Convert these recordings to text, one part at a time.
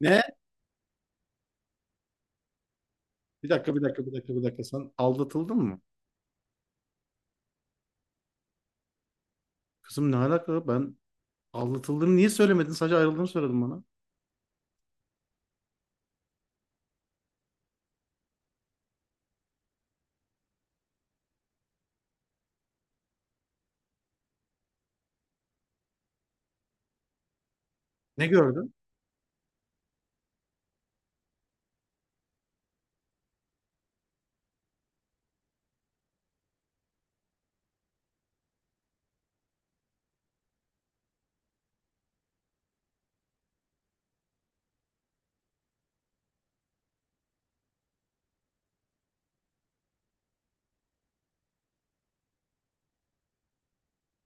Ne? Bir dakika, bir dakika, bir dakika, bir dakika. Sen aldatıldın mı? Kızım ne alaka? Ben aldatıldığını niye söylemedin? Sadece ayrıldığını söyledin bana. Ne gördün?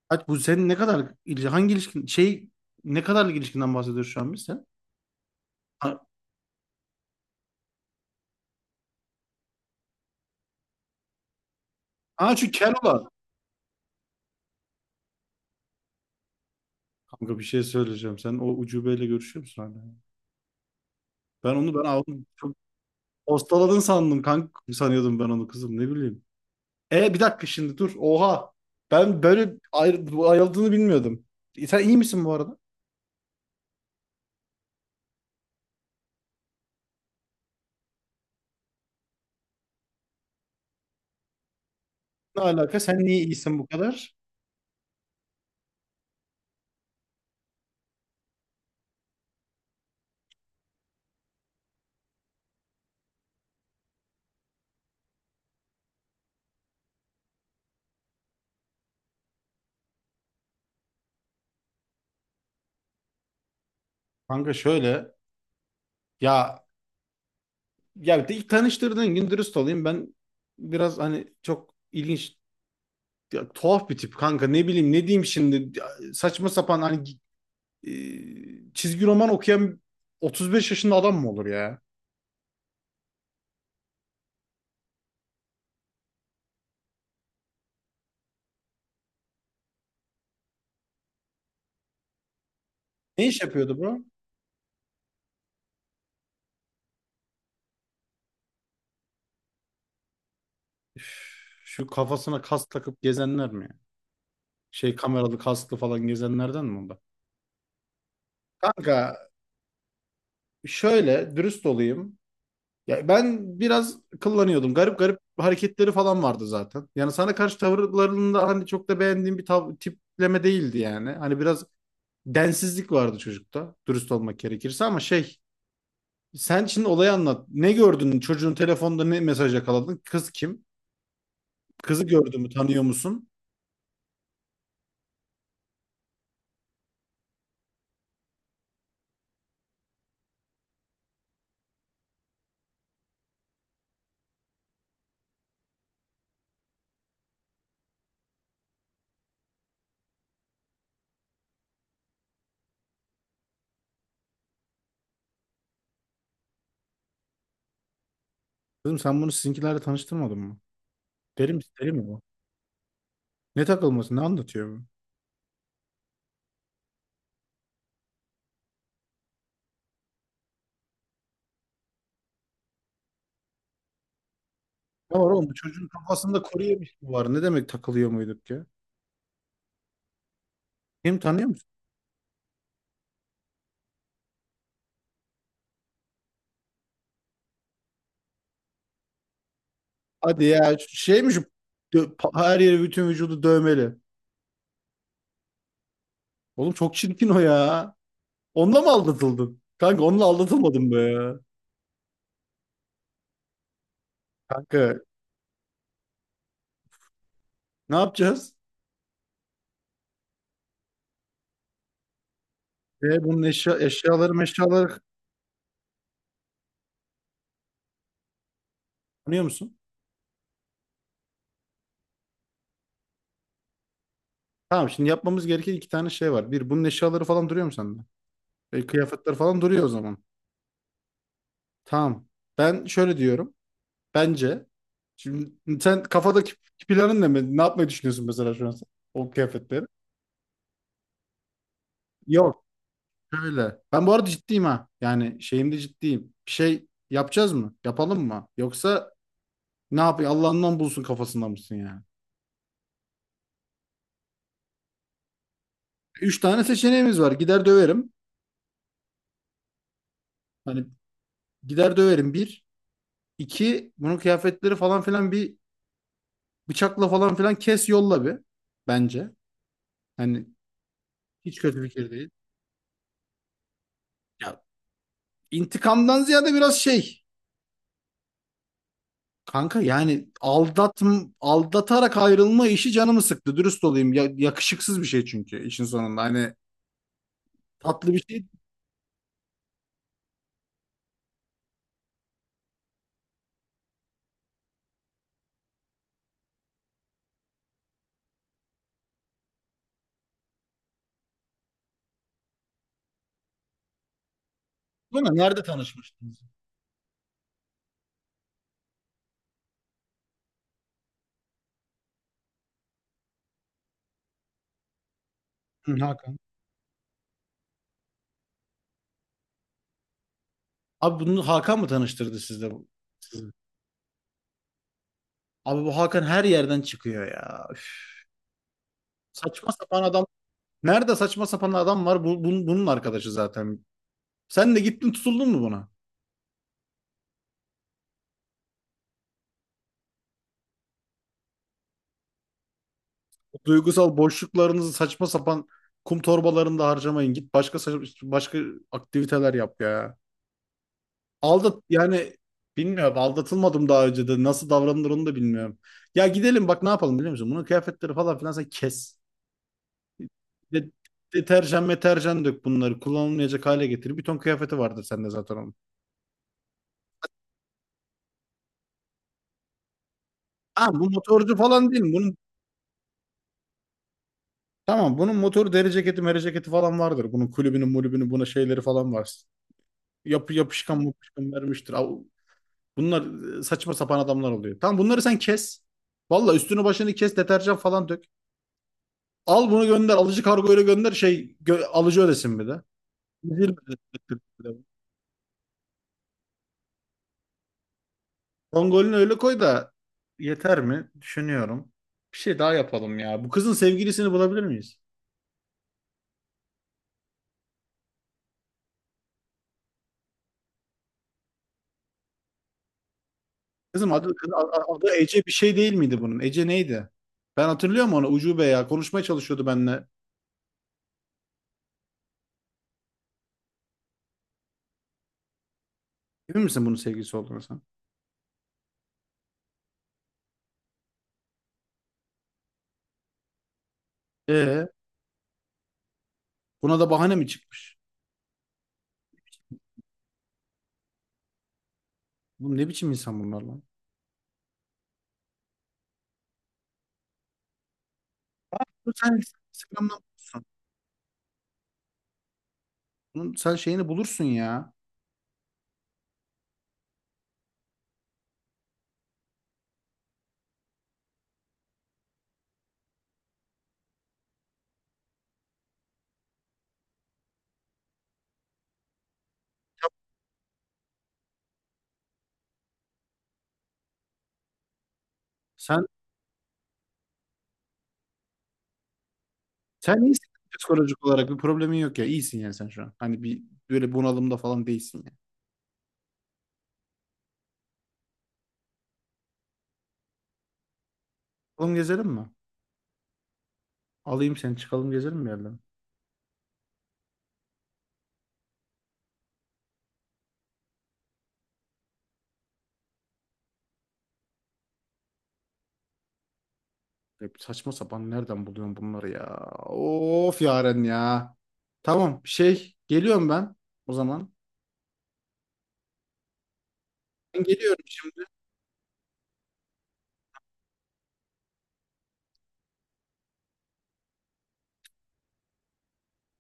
Hadi bu senin ne kadar ilişki, hangi ilişkin, ne kadarlık ilişkinden bahsediyoruz şu an biz sen? Ha, ha şu kel olan. Kanka bir şey söyleyeceğim. Sen o ucubeyle görüşüyor musun hala? Ben onu aldım. Çok postaladın sandım kanka. Sanıyordum ben onu kızım ne bileyim. Bir dakika şimdi dur. Oha. Ben böyle bu ayrıldığını bilmiyordum. Sen iyi misin bu arada? Ne alaka? Sen niye iyisin bu kadar? Kanka şöyle, ya ya ilk tanıştırdığın gün dürüst olayım, ben biraz hani çok ilginç, ya, tuhaf bir tip kanka, ne bileyim ne diyeyim şimdi. Ya, saçma sapan hani, çizgi roman okuyan 35 yaşında adam mı olur ya? Ne iş yapıyordu bu? Üf, şu kafasına kas takıp gezenler mi, ya? Kameralı kaslı falan gezenlerden mi bu? Kanka şöyle dürüst olayım. Ya ben biraz kullanıyordum. Garip garip hareketleri falan vardı zaten. Yani sana karşı tavırlarında hani çok da beğendiğim bir tipleme değildi yani. Hani biraz densizlik vardı çocukta. Dürüst olmak gerekirse, ama sen şimdi olayı anlat. Ne gördün? Çocuğun telefonda ne mesaj yakaladın? Kız kim? Kızı gördün mü? Tanıyor musun? Kızım sen bunu sizinkilerle tanıştırmadın mı? Deli mi? Deli mi bu? Ne takılması? Ne anlatıyor bu? Ne var oğlum? Bu çocuğun kafasında kuru yemiş mi var? Ne demek takılıyor muyduk ya? Kim tanıyor musun? Hadi ya şeymiş, her yeri bütün vücudu dövmeli. Oğlum çok çirkin o ya. Onunla mı aldatıldın? Kanka onunla aldatılmadım be ya. Kanka ne yapacağız? Bunun eşyaları tanıyor musun? Tamam şimdi yapmamız gereken iki tane şey var. Bir, bunun eşyaları falan duruyor mu sende? Kıyafetler falan duruyor o zaman. Tamam. Ben şöyle diyorum. Bence şimdi sen kafadaki planın ne? Ne yapmayı düşünüyorsun mesela şu an sen? O kıyafetleri. Yok. Şöyle. Ben bu arada ciddiyim ha. Yani şeyimde ciddiyim. Bir şey yapacağız mı? Yapalım mı? Yoksa ne yapayım? Allah'ından bulsun kafasında mısın yani? Üç tane seçeneğimiz var. Gider döverim. Hani gider döverim bir. İki, bunun kıyafetleri falan filan bir bıçakla falan filan kes yolla bir. Bence. Hani hiç kötü bir fikir değil. Ya intikamdan ziyade biraz şey. Kanka yani aldatarak ayrılma işi canımı sıktı. Dürüst olayım. Ya, yakışıksız bir şey çünkü işin sonunda. Hani tatlı bir şey, ama nerede tanışmıştınız? Hı, Hakan. Abi bunu Hakan mı tanıştırdı sizde bu, sizi? Abi bu Hakan her yerden çıkıyor ya. Üf. Saçma sapan adam. Nerede saçma sapan adam var? Bunun arkadaşı zaten. Sen de gittin tutuldun mu buna? Duygusal boşluklarınızı saçma sapan kum torbalarında harcamayın. Git başka başka aktiviteler yap ya. Yani bilmiyorum, aldatılmadım daha önce de nasıl davranılır onu da bilmiyorum. Ya gidelim, bak ne yapalım biliyor musun? Bunun kıyafetleri falan filan sen kes. De- Deterjan meterjan dök, bunları kullanılmayacak hale getir. Bir ton kıyafeti vardır sende zaten onun. Ha bu motorcu falan değil mi? Tamam bunun motoru, deri ceketi meri ceketi falan vardır. Bunun kulübünün mulübünün buna şeyleri falan var. Yapışkan yapışkan vermiştir. Bunlar saçma sapan adamlar oluyor. Tamam bunları sen kes. Valla üstünü başını kes, deterjan falan dök. Al bunu gönder, alıcı kargoyla gönder, alıcı ödesin bir de. Üzülme. Son golünü öyle koy da yeter mi? Düşünüyorum. Bir şey daha yapalım ya. Bu kızın sevgilisini bulabilir miyiz? Kızım adı Ece bir şey değil miydi bunun? Ece neydi? Ben hatırlıyorum onu. Ucube ya. Konuşmaya çalışıyordu benimle. Emin misin bunun sevgilisi olduğunu sen? Ee, Buna da bahane mi çıkmış? Oğlum ne biçim insan bunlar lan? Dur. Sen Instagram'dan bulursun. Sen şeyini bulursun ya. Sen sen iyisin, psikolojik olarak bir problemin yok ya. İyisin yani sen şu an. Hani bir böyle bunalımda falan değilsin ya. Oğlum gezelim mi? Alayım seni, çıkalım gezelim bir yerden. Hep saçma sapan nereden buluyorum bunları ya? Of Yaren ya. Tamam geliyorum ben o zaman. Ben geliyorum şimdi.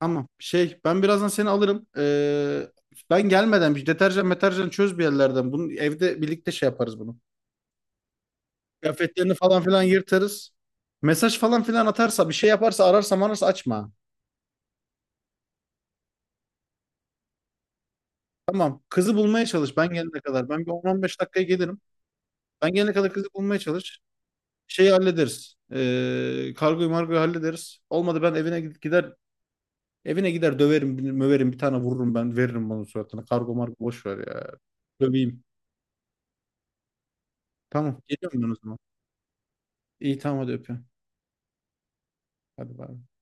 Tamam ben birazdan seni alırım. Ben gelmeden bir deterjan meterjan çöz bir yerlerden. Bunu evde birlikte yaparız bunu. Kıyafetlerini falan filan yırtarız. Mesaj falan filan atarsa, bir şey yaparsa, ararsa manarsa açma. Tamam kızı bulmaya çalış ben gelene kadar. Ben bir 10-15 dakikaya gelirim. Ben gelene kadar kızı bulmaya çalış. Şeyi hallederiz. Kargoyu margoyu hallederiz. Olmadı ben evine gider evine gider döverim, möverim, bir tane vururum ben, veririm bunun suratına. Kargo margo boş ver ya. Döveyim. Tamam. Geliyorum ben o zaman. İyi tamam hadi öpüyorum. Hadi bay. Bay.